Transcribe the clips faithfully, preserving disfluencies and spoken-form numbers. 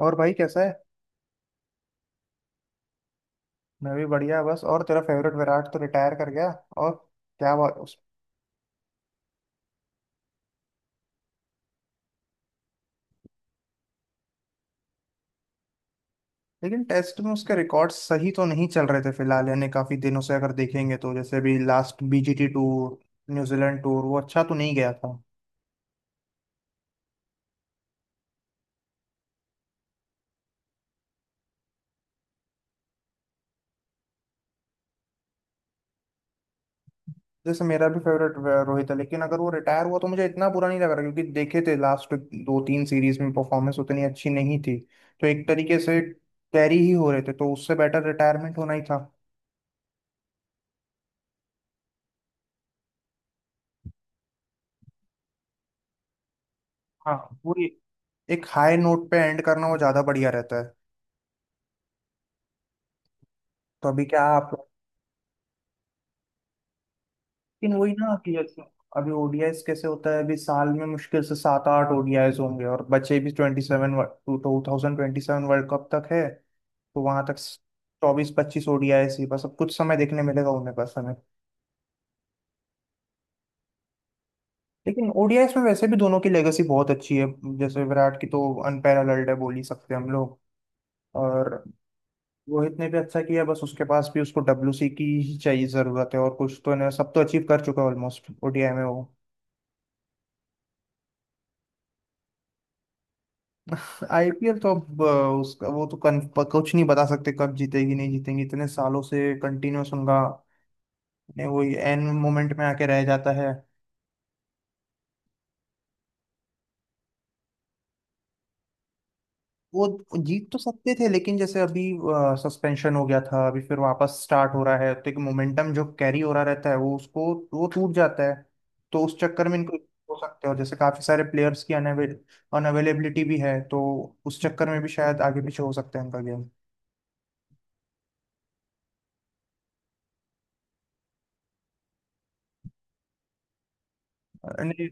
और भाई कैसा है। मैं भी बढ़िया बस। और तेरा फेवरेट विराट तो रिटायर कर गया। और क्या बात उस। लेकिन टेस्ट में उसके रिकॉर्ड सही तो नहीं चल रहे थे फिलहाल, यानी काफी दिनों से अगर देखेंगे तो जैसे भी last BGT tour, New Zealand tour वो अच्छा तो नहीं गया था। जैसे मेरा भी फेवरेट रोहित है, लेकिन अगर वो रिटायर हुआ तो मुझे इतना बुरा नहीं लग रहा क्योंकि देखे थे लास्ट दो तीन सीरीज में परफॉर्मेंस उतनी अच्छी नहीं थी। तो एक तरीके से कैरी ही हो रहे थे, तो उससे बेटर रिटायरमेंट होना ही था। हाँ, वो एक हाई नोट पे एंड करना वो ज्यादा बढ़िया रहता है। तो अभी क्या आप। लेकिन वही ना कि जैसे अभी ओडीआईस कैसे होता है, अभी साल में मुश्किल से सात आठ ओडीआईस होंगे और बचे भी twenty seven, two thousand twenty seven world cup तक है। तो वहां तक चौबीस पच्चीस ओडीआईस ही बस अब कुछ समय देखने मिलेगा उन्हें, बस हमें। लेकिन ओडीआईस में वैसे भी दोनों की लेगेसी बहुत अच्छी है, जैसे विराट की तो अनपैरेलल्ड है बोल ही सकते हैं हम लोग। और रोहित ने भी अच्छा किया, बस उसके पास भी उसको डब्ल्यूसी की ही चाहिए, जरूरत है और कुछ तो ना, सब तो अचीव कर चुका है ऑलमोस्ट ओडीआई में वो। आईपीएल तो अब अ, उसका वो तो कन, प- कुछ नहीं बता सकते कब जीतेगी नहीं जीतेगी, इतने सालों से कंटिन्यूस उनका ने वो एंड मोमेंट में आके रह जाता है। वो जीत तो सकते थे लेकिन जैसे अभी सस्पेंशन हो गया था, अभी फिर वापस स्टार्ट हो रहा है, तो एक मोमेंटम जो कैरी हो रहा रहता है वो उसको, वो टूट जाता है। तो उस चक्कर में इनको हो सकते हैं। और जैसे काफी सारे प्लेयर्स की अनअवेल अनअवेलेबिलिटी भी है, तो उस चक्कर में भी शायद आगे पीछे हो सकता है इनका गेम। नहीं।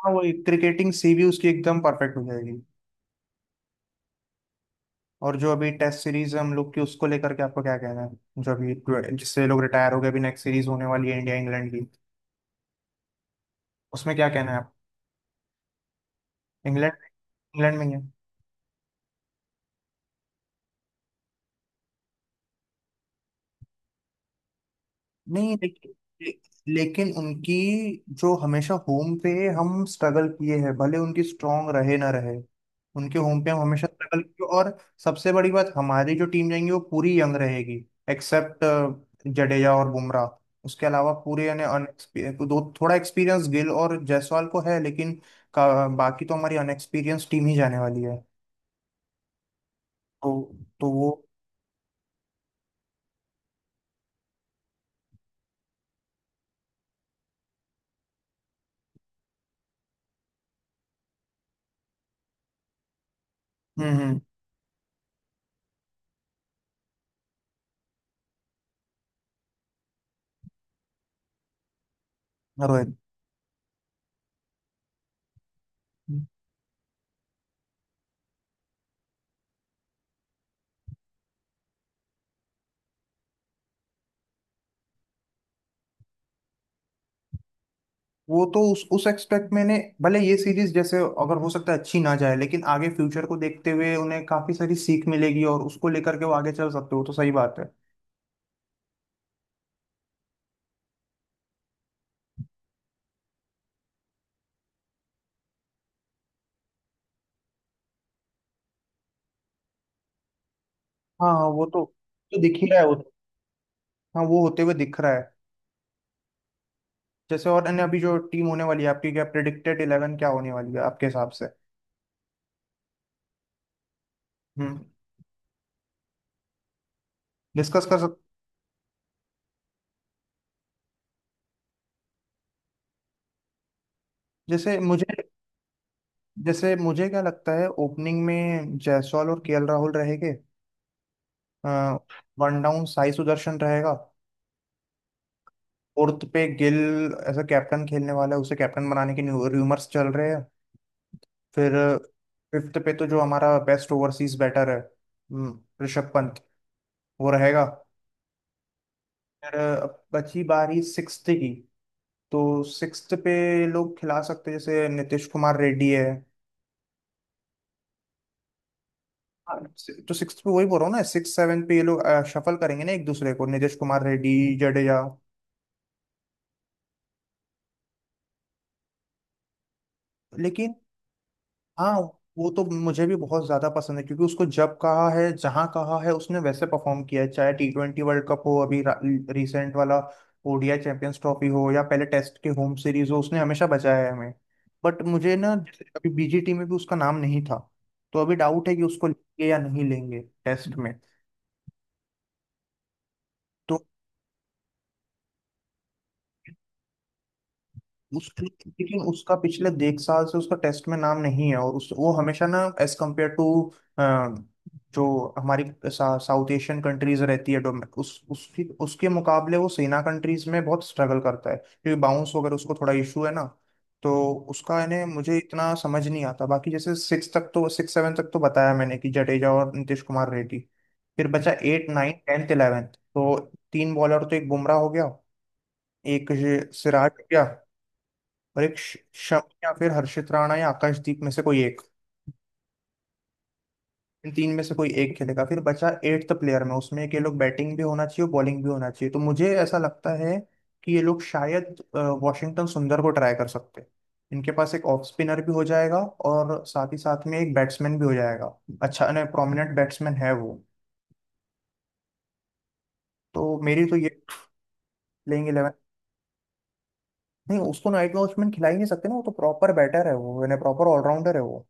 हाँ, वही क्रिकेटिंग सी भी उसकी एकदम परफेक्ट हो जाएगी। और जो अभी टेस्ट सीरीज हम लोग की उसको लेकर के आपको क्या कहना है, जो अभी जिससे लोग रिटायर हो गए, अभी नेक्स्ट सीरीज होने वाली है इंडिया इंग्लैंड की, उसमें क्या कहना है आप। इंग्लैंड। इंग्लैंड में ही है। नहीं लेकिन। ले- लेकिन उनकी जो हमेशा होम पे हम स्ट्रगल किए हैं, भले उनकी स्ट्रांग रहे ना रहे, उनके होम पे हम हमेशा स्ट्रगल किए। और सबसे बड़ी बात हमारी जो टीम जाएंगी वो पूरी यंग रहेगी, एक्सेप्ट जडेजा और बुमराह। उसके अलावा पूरे यानी unexpe- दो थोड़ा एक्सपीरियंस गिल और जायसवाल को है, लेकिन का, बाकी तो हमारी अनएक्सपीरियंस टीम ही जाने वाली है। तो तो वो। हम्म हम्म। रोहित। वो तो उस उस एक्सपेक्ट मैंने, भले ये सीरीज जैसे अगर हो सकता है अच्छी ना जाए, लेकिन आगे फ्यूचर को देखते हुए उन्हें काफी सारी सीख मिलेगी और उसको लेकर के वो आगे चल सकते हो, तो सही बात है। हाँ हाँ वो तो। तो दिख ही रहा है वो तो। हाँ, वो होते हुए दिख रहा है। जैसे और अन्य अभी जो टीम होने वाली है आपकी, क्या प्रिडिक्टेड इलेवन क्या होने वाली है आपके हिसाब से। हम्म। डिस्कस कर सकते। जैसे मुझे जैसे मुझे क्या लगता है, ओपनिंग में जायसवाल और केएल राहुल रहेंगे। वन डाउन साई सुदर्शन रहेगा। फोर्थ पे गिल एज अ कैप्टन खेलने वाला है, उसे कैप्टन बनाने के र्यूमर्स चल रहे हैं। फिर फिफ्थ पे तो जो हमारा बेस्ट ओवरसीज बैटर है, हम्म, ऋषभ पंत, वो रहेगा। फिर अब बची बारी सिक्स्थ की, तो सिक्स्थ पे लोग खिला सकते हैं, जैसे नीतीश कुमार रेड्डी है। हाँ, तो सिक्स्थ पे वही बोल रहा हूँ ना, सिक्स सेवन पे ये लोग शफल करेंगे ना एक दूसरे को, नीतीश कुमार रेड्डी, जडेजा। लेकिन हाँ, वो तो मुझे भी बहुत ज्यादा पसंद है क्योंकि उसको जब कहा है जहां कहा है उसने वैसे परफॉर्म किया है, चाहे टी ट्वेंटी वर्ल्ड कप हो, अभी रिसेंट वाला ओडीआई चैंपियंस ट्रॉफी हो, या पहले टेस्ट के होम सीरीज हो, उसने हमेशा बचाया है हमें। बट मुझे ना जैसे अभी बीजीटी में भी उसका नाम नहीं था, तो अभी डाउट है कि उसको लेंगे या नहीं लेंगे टेस्ट में। तो उसके लेकिन उसका पिछले एक साल से उसका टेस्ट में नाम नहीं है और उस वो हमेशा ना एज कम्पेयर टू जो हमारी साउथ एशियन कंट्रीज रहती है, डोमे- उस उसकी उसके मुकाबले वो सेना कंट्रीज में बहुत स्ट्रगल करता है क्योंकि बाउंस वगैरह उसको थोड़ा इशू है ना। तो उसका इन्हें मुझे इतना समझ नहीं आता। बाकी जैसे सिक्स तक तो, सिक्स सेवन तक तो बताया मैंने कि जडेजा और नीतीश कुमार रेड्डी। फिर बचा एट नाइन टेंथ इलेवेंथ, तो तीन बॉलर तो, एक बुमराह हो गया, एक ये सिराज हो गया, और एक श- शम या फिर हर्षित राणा या आकाशदीप में से कोई एक, इन तीन में से कोई एक खेलेगा। फिर बचा एट्थ प्लेयर, में उसमें कि ये लोग बैटिंग भी होना चाहिए बॉलिंग भी होना चाहिए, तो मुझे ऐसा लगता है कि ये लोग शायद अ, वॉशिंगटन सुंदर को ट्राई कर सकते हैं। इनके पास एक ऑफ स्पिनर भी हो जाएगा और साथ ही साथ में एक बैट्समैन भी हो जाएगा, अच्छा नहीं प्रोमिनेंट बैट्समैन है वो। तो मेरी तो ये प्लेइंग इलेवन। नहीं, उसको नाइट वॉचमैन खिला ही नहीं सकते ना, वो तो प्रॉपर बैटर है वो, यानी प्रॉपर ऑलराउंडर है वो।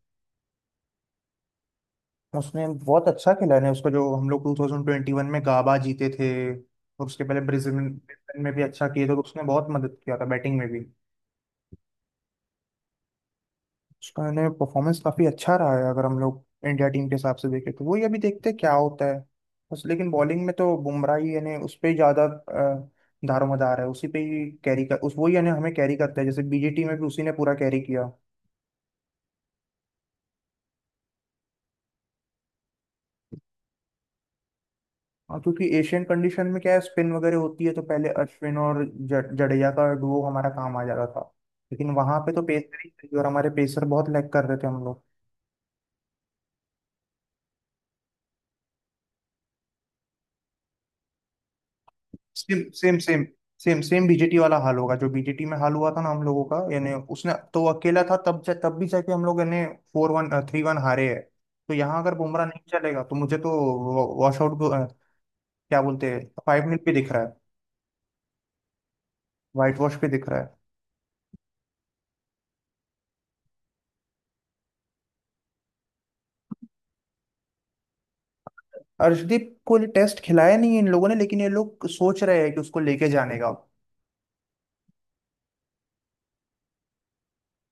उसने बहुत अच्छा खेला है ना, उसका जो हम लोग ट्वेंटी ट्वेंटी वन में गाबा जीते थे, और उसके पहले ब्रिस्बेन ब्रिस्बेन में भी अच्छा किए थे, तो उसने बहुत मदद किया था बैटिंग में भी। उसका ने परफॉर्मेंस काफी अच्छा रहा है अगर हम लोग इंडिया टीम के हिसाब से देखें, तो वही अभी देखते हैं क्या होता है। बस लेकिन बॉलिंग में तो बुमराह ही, यानी उस पे ही ज्यादा अ, दारोमदार है, उसी पे ही कैरी कर, उस वही यानी हमें कैरी करता है, जैसे बीजेटी में भी उसी ने पूरा कैरी किया। हाँ, क्योंकि एशियन कंडीशन में क्या है, स्पिन वगैरह होती है, तो पहले अश्विन और ज- जडेजा का डुओ हमारा काम आ जाता था, लेकिन वहां पे तो पेसर ही थे और हमारे पेसर बहुत लैग कर रहे थे हम लोग। Same same same same same BGT वाला हाल होगा, जो बीजेटी में हाल हुआ था ना हम लोगों का, यानी उसने तो वो अकेला था तब जा, तब भी जाके हम लोग यानी फोर वन थ्री वन हारे है। तो यहाँ अगर बुमराह नहीं चलेगा तो मुझे तो वॉश आउट क्या बोलते हैं, फाइव मिनट पे दिख रहा है, वाइट वॉश पे दिख रहा है। अर्शदीप को टेस्ट खिलाया नहीं है इन लोगों ने, लेकिन ये लोग सोच रहे हैं कि उसको लेके जाने का।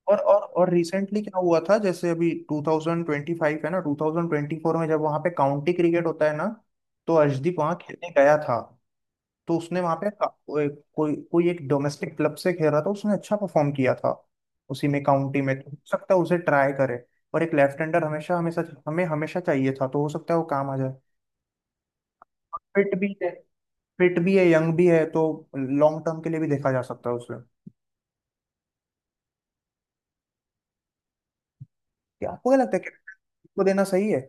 और और और रिसेंटली क्या हुआ था, जैसे अभी ट्वेंटी ट्वेंटी फ़ाइव है ना, ट्वेंटी ट्वेंटी फ़ोर में जब वहाँ पे काउंटी क्रिकेट होता है ना, तो अर्शदीप वहाँ खेलने गया था। तो उसने वहाँ पे का- वो एक- कोई कोई एक डोमेस्टिक क्लब से खेल रहा था, उसने अच्छा परफॉर्म किया था। उसी में काउंटी में, तो हो सकता है उसे ट्राई करे। और एक लेफ्ट हैंडर हमेशा हमेशा हमें हमेशा चाहिए था, तो हो सकता है वो काम आ जाए। फिट भी है, फिट भी है, यंग भी है, तो लॉन्ग टर्म के लिए भी देखा जा सकता है उसे। क्या आपको क्या लगता है कैप्टन को देना सही है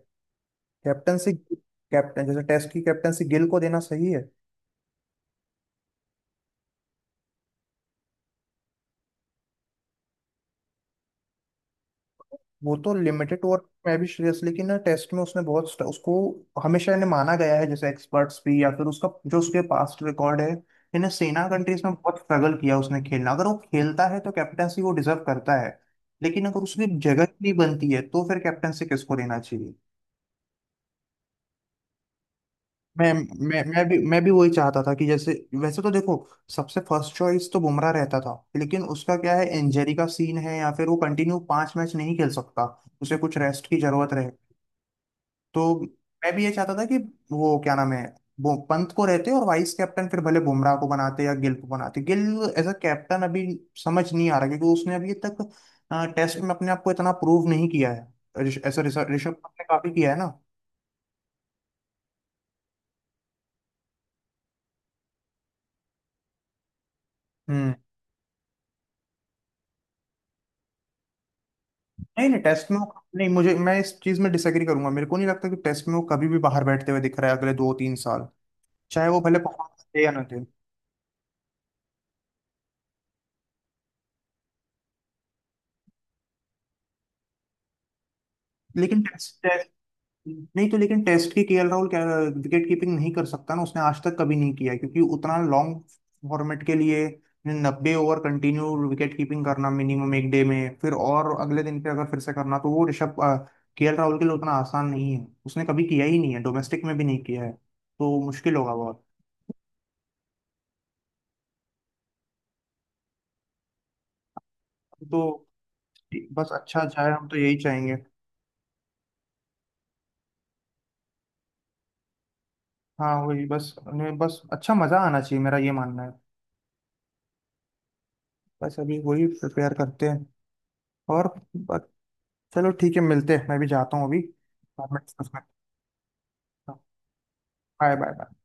कैप्टनसी, कैप्टन जैसे टेस्ट की कैप्टनसी गिल को देना सही है। वो तो लिमिटेड ओवर में भी श्रेयस, लेकिन ना टेस्ट में उसने बहुत स्ट- उसको हमेशा इन्हें माना गया है जैसे एक्सपर्ट्स भी, या फिर उसका जो उसके पास्ट रिकॉर्ड है इन्हें सेना कंट्रीज में बहुत स्ट्रगल किया उसने खेलना, अगर वो खेलता है तो कैप्टनसी वो डिजर्व करता है। लेकिन अगर उसकी जगह नहीं बनती है तो फिर कैप्टनसी किसको देना चाहिए। मैं मैं मैं भी मैं भी वही चाहता था कि जैसे, वैसे तो देखो, सबसे फर्स्ट चॉइस तो बुमराह रहता था, लेकिन उसका क्या है इंजरी का सीन है, या फिर वो कंटिन्यू पांच मैच नहीं खेल सकता, उसे कुछ रेस्ट की जरूरत रहे। तो मैं भी ये चाहता था कि वो क्या नाम है, वो पंत को रहते और वाइस कैप्टन फिर भले बुमराह को बनाते या गिल को बनाते। गिल एज अ कैप्टन अभी समझ नहीं आ रहा, क्योंकि उसने अभी तक टेस्ट में अपने आप को इतना प्रूव नहीं किया है। ऋष- ऐसा ऋषभ ऋषभ पंत ने काफी किया है ना। नहीं नहीं, टेस्ट में वो नहीं, मुझे मैं इस चीज में डिसएग्री करूंगा, मेरे को नहीं लगता कि टेस्ट में वो कभी भी बाहर बैठते हुए दिख रहा है अगले दो तीन साल, चाहे वो भले परफॉर्मेंस दे या ना दे। लेकिन टेस्ट टेस्ट नहीं तो, लेकिन टेस्ट की केएल राहुल क्या विकेट कीपिंग नहीं कर सकता ना, उसने आज तक कभी नहीं किया है, क्योंकि उतना लॉन्ग फॉर्मेट के लिए नब्बे ओवर कंटिन्यू विकेट कीपिंग करना मिनिमम एक डे में, फिर और अगले दिन पे अगर फिर से करना, तो वो ऋषभ केएल राहुल के लिए उतना आसान नहीं है, उसने कभी किया ही नहीं है, डोमेस्टिक में भी नहीं किया है, तो मुश्किल होगा बहुत। तो बस अच्छा जाए, हम तो यही चाहेंगे। हाँ, वही बस उन्हें बस अच्छा मजा आना चाहिए, मेरा ये मानना है। बस अभी वही प्रिपेयर करते हैं और बस-। चलो ठीक है, मिलते हैं, मैं भी जाता हूँ अभी। बाद में डिस्कस करते हैं। Bye bye bye.